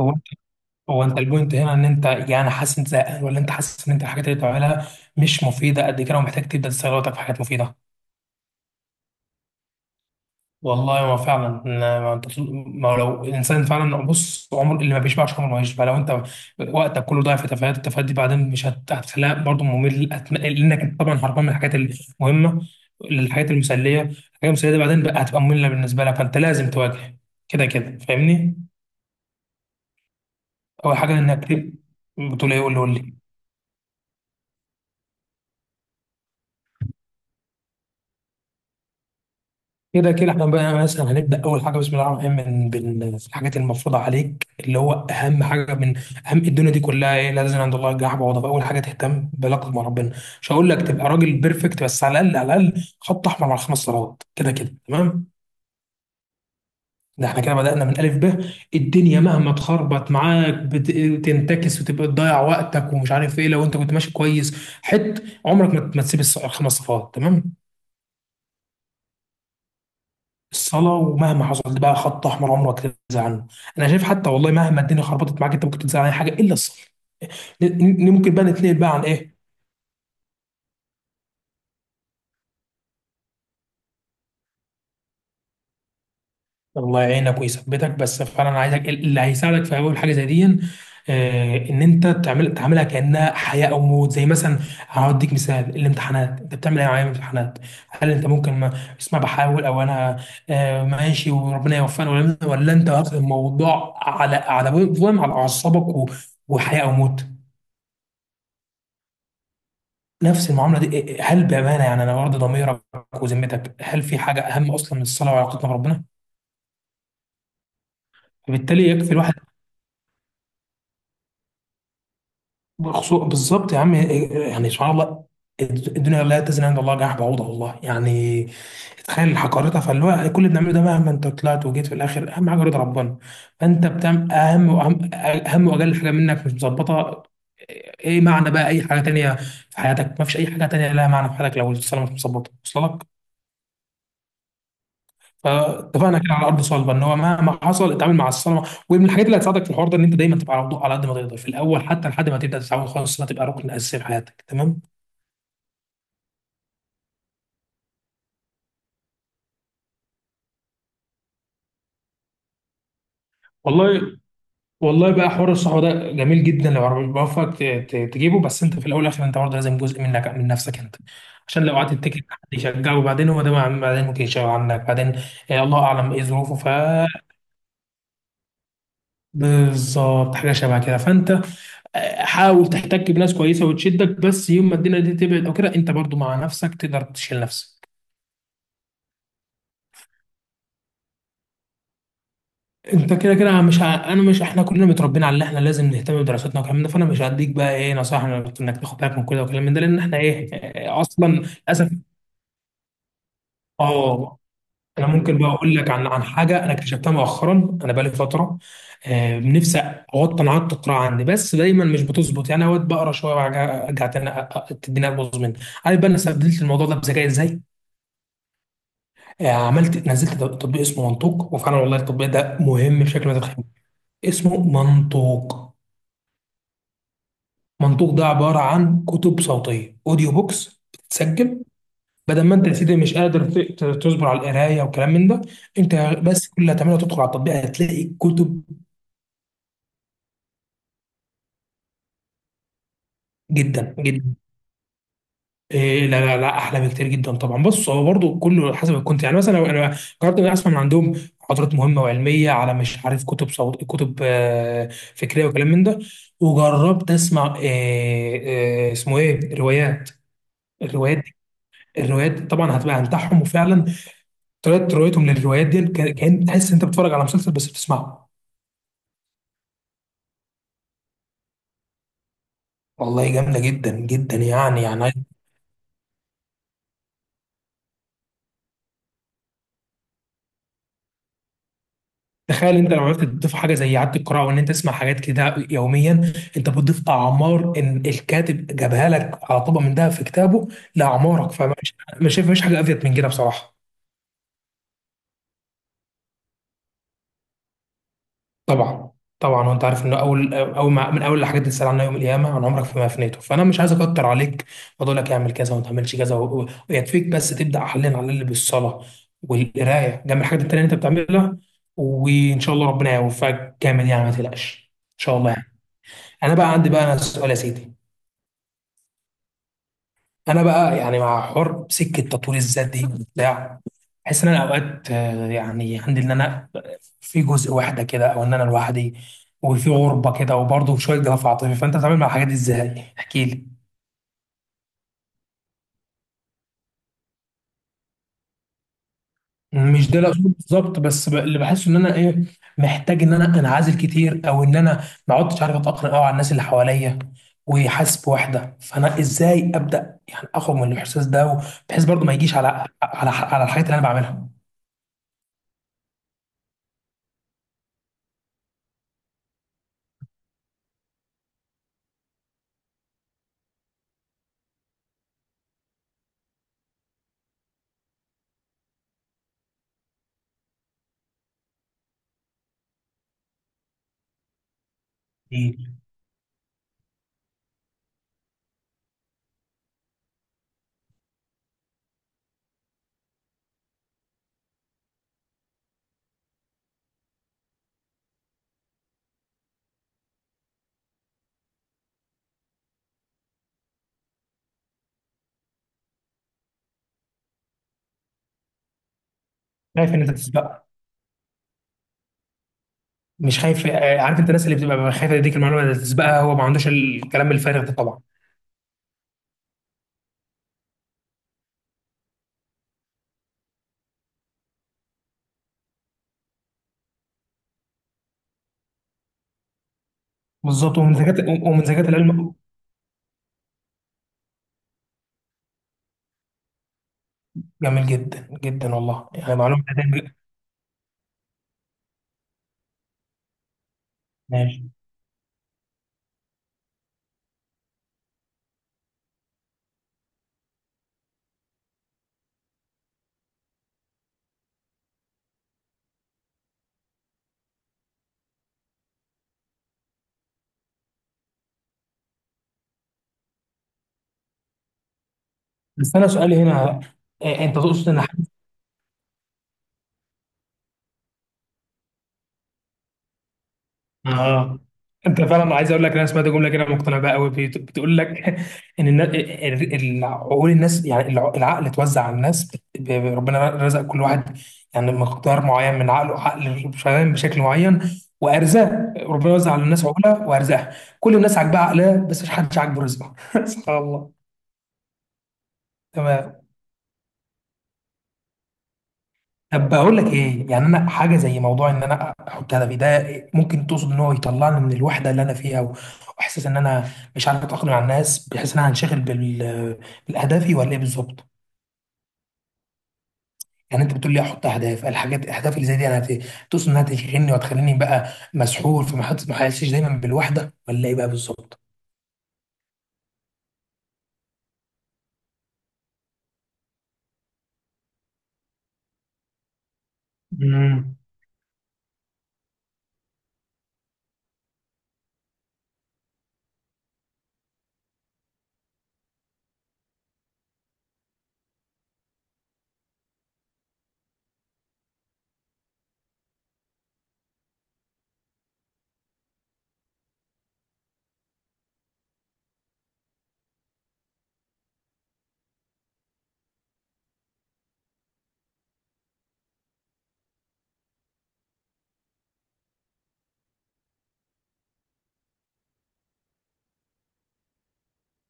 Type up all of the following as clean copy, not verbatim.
هو انت هو انت البوينت هنا ان انت يعني حاسس انت زهقان، ولا انت حاسس ان انت الحاجات اللي بتعملها مش مفيده قد كده ومحتاج تبدا تستغل وقتك في حاجات مفيده. والله ما فعلا. ما انت ما لو الانسان فعلا بص، عمر اللي ما بيشبعش عمره ما يشبع. لو انت وقتك كله ضايع في تفاهات، التفاهات دي بعدين مش هتخليها برضه ممل، لانك انت طبعا هربان من الحاجات المهمه للحاجات المسليه، الحاجات المسليه دي بعدين بقى هتبقى ممله بالنسبه لك، فانت لازم تواجه كده كده، فاهمني؟ اول حاجه انك بتقول ايه؟ قول لي قول لي. كده كده احنا بقى مثلا هنبدا اول حاجه، بسم الله الرحمن الرحيم، من بالحاجات المفروضه عليك، اللي هو اهم حاجه من اهم الدنيا دي كلها ايه، لازم عند الله الجناح بعوضه. فاول حاجه تهتم بعلاقتك مع ربنا. مش هقول لك تبقى راجل بيرفكت، بس على الاقل على الاقل خط احمر على الخمس صلوات، كده كده تمام. ده احنا كده بدانا من الف ب. الدنيا مهما تخربط معاك، بتنتكس وتبقى تضيع وقتك ومش عارف ايه، لو انت كنت ماشي كويس حت عمرك ما تسيب الخمس صفات، تمام. الصلاة ومهما حصل بقى خط أحمر عمرك تنزع عنه. أنا شايف حتى والله مهما الدنيا خربطت معاك، أنت ممكن تنزع عن أي حاجة إلا الصلاة. ممكن بقى نتنقل بقى عن إيه. الله يعينك ويثبتك، بس فعلا أنا عايزك اللي هيساعدك في أول حاجة زي دي، إن أنت تعملها كأنها حياة أو موت. زي مثلا هديك مثال الامتحانات، أنت بتعمل إيه معايا في الامتحانات؟ هل أنت ممكن ما اسمع بحاول أو أنا ماشي وربنا يوفقني، ولا ولا أنت واخد الموضوع على فاهم، على أعصابك وحياة أو موت. نفس المعامله دي. إيه، هل بامانه، يعني انا برضه ضميرك وذمتك، هل في حاجه اهم اصلا من الصلاه وعلاقتنا بربنا؟ فبالتالي يكفي الواحد بخصوص بالظبط يا عم. إيه، يعني سبحان الله، الدنيا لا تزن عند الله جناح بعوضه، والله يعني تخيل حقارتها. فاللي هو كل اللي بنعمله ده مهما انت طلعت وجيت في الاخر، اهم حاجه رضا ربنا. فانت بتعمل اهم واهم اهم واجل حاجه منك مش مظبطه، ايه معنى بقى اي حاجه تانيه في حياتك؟ ما فيش اي حاجه تانيه لها معنى في حياتك لو الصلاه مش مظبطه، وصل لك؟ فاتفقنا كده على ارض صلبه ان هو مهما حصل اتعامل مع الصنعه. ومن الحاجات اللي هتساعدك في الحوار ده ان انت دايما تبقى على وضوء، على قد ما تقدر في الاول، حتى لحد ما تبدا تتعود خالص انها تبقى ركن اساسي في حياتك، تمام. والله. والله بقى حوار الصحبه ده جميل جدا لو ربنا بيوفقك تجيبه، بس انت في الاول والاخر انت برضه لازم جزء منك من نفسك انت، عشان لو قعدت تتكل على حد يشجعه وبعدين هو ده بعدين ممكن يشجع عنك بعدين. الله اعلم ايه ظروفه. ف بالظبط حاجه شبه كده. فانت حاول تحتك بناس كويسه وتشدك، بس يوم ما الدنيا دي تبعد او كده، انت برضو مع نفسك تقدر تشيل نفسك. انت كده كده مش انا مش، احنا كلنا متربيين على ان احنا لازم نهتم بدراستنا والكلام ده، فانا مش هديك بقى ايه نصائح انك تاخد بالك من كده والكلام من ده، لان احنا ايه اصلا للاسف. اه انا ممكن بقى اقول لك عن حاجه انا اكتشفتها مؤخرا. انا بقالي فتره، نفسي اوطي عادة القراءه عندي، بس دايما مش بتظبط. يعني اوقات بقرا شويه وارجع أرجع تاني تديني ابوظ مني. عارف بقى انا استبدلت الموضوع ده بذكاء ازاي؟ عملت نزلت تطبيق اسمه منطوق، وفعلا والله التطبيق ده مهم بشكل ما تتخيل. اسمه منطوق. منطوق ده عباره عن كتب صوتيه، اوديو بوكس بتتسجل. بدل ما انت يا سيدي مش قادر تصبر على القرايه وكلام من ده. انت بس كل اللي هتعمله تدخل على التطبيق هتلاقي كتب. جدا جدا. إيه لا لا لا احلى بكتير جدا طبعا. بص هو برضه كله حسب الكونت، يعني مثلا لو انا جربت اني اسمع من عندهم محاضرات مهمه وعلميه، على مش عارف، كتب صوت، كتب فكريه وكلام من ده. وجربت اسمع اسمه ايه، روايات. الروايات دي- الروايات طبعا هتبقى هنتاعهم، وفعلا طريقه روايتهم للروايات دي كان كأن تحس انت بتتفرج على مسلسل بس بتسمعه. والله جامده جدا جدا، يعني. تخيل انت لو عرفت تضيف حاجه زي اعاده القراءه وان انت تسمع حاجات كده يوميا، انت بتضيف اعمار، ان الكاتب جابها لك على طبق من ده في كتابه لاعمارك. مش شايف مفيش حاجه افيد من كده بصراحه. طبعا. طبعا وانت عارف انه اول اول ما من اول الحاجات اللي تسال عنها يوم القيامه عن عمرك فيما افنيته. فانا مش عايز اكتر عليك واقول لك اعمل كذا وما تعملش كذا، ويكفيك بس تبدا حاليا على اللي بالصلاه والقرايه جنب الحاجات التانيه اللي انت بتعملها، وان شاء الله ربنا يوفقك جامد. يعني ما تقلقش ان شاء الله يعني. انا بقى عندي بقى انا سؤال يا سيدي. انا بقى يعني مع حر سكه تطوير الذات دي بتاع، بحس ان انا اوقات يعني عندي ان انا في جزء وحده كده، او ان انا لوحدي وفي غربه كده، وبرضه شويه جفاف عاطفي. فانت بتتعامل مع الحاجات دي ازاي؟ احكي لي. مش ده الاصول بالظبط، بس اللي بحسه ان انا ايه، محتاج ان انا انعزل كتير، او ان انا ما عدتش عارف اتاقلم قوي على الناس اللي حواليا، وحاسس بوحده. فانا ازاي ابدا يعني اخرج من الاحساس ده، بحيث برضه ما يجيش على الحاجات اللي انا بعملها كتير. خايف ان انت تسبقها؟ مش خايف، عارف انت الناس اللي بتبقى خايفه تديك المعلومه اللي تسبقها، هو ما عندوش الكلام الفارغ ده طبعا. بالظبط. ومن ذكاء ومن ذكاء العلم. جميل جدا جدا والله. يعني معلومه ماشي. بس انا سؤالي هنا، انت تقصد ان اه انت فعلا، عايز اقول لك انا سمعت جمله كده مقتنع بها قوي، بتقول لك ان عقول الناس، يعني العقل اتوزع على الناس، ربنا رزق كل واحد يعني مقدار معين من عقله، عقل شغال بشكل معين. وارزاق ربنا وزع على الناس عقولها وارزاقها، كل الناس عاجبها عقلها، بس مش حدش عاجبه رزقه سبحان الله. تمام. طب بقول لك ايه، يعني انا حاجه زي موضوع ان انا احط هدفي ده، ممكن تقصد ان هو يطلعني من الوحده اللي انا فيها واحساس ان انا مش عارف اتاقلم مع الناس، بحيث ان انا هنشغل بالاهدافي، ولا ايه بالظبط؟ يعني انت بتقول لي احط اهداف، الحاجات الاهداف اللي زي دي انا تقصد انها تشغلني وتخليني بقى مسحول، ما احسش دايما بالوحده، ولا ايه بقى بالظبط؟ امم.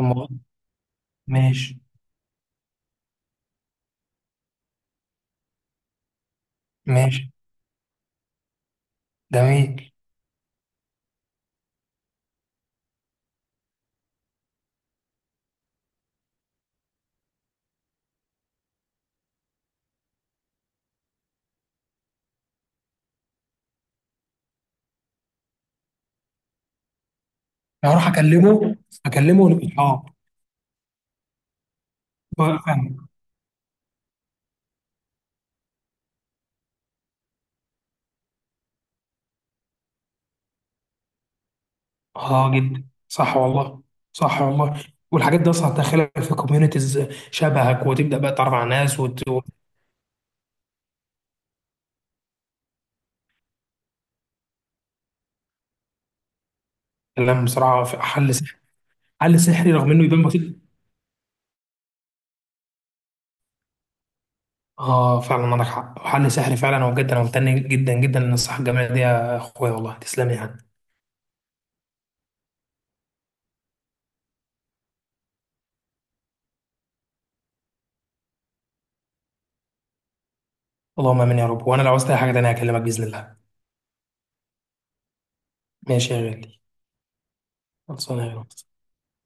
الموضوع ماشي. ماشي. جميل. هروح اكلمه. اكلمه ونبقى اصحاب. اه جدا صح والله. صح والله. والحاجات دي اصلا هتدخلك في كوميونيتيز شبهك، وتبدا بقى تتعرف على ناس وتتكلم بصراحه. في حل سحري، حل سحري رغم انه يبان بسيط. اه فعلا عندك حق، حل سحري فعلا. وبجد انا ممتن جدا جدا للنصيحه الجميله دي يا اخويا، والله تسلم لي يعني. اللهم امين يا رب. وانا لو عاوزت اي حاجه تانيه هكلمك باذن الله. ماشي يا غالي. خلصانه يا غالي.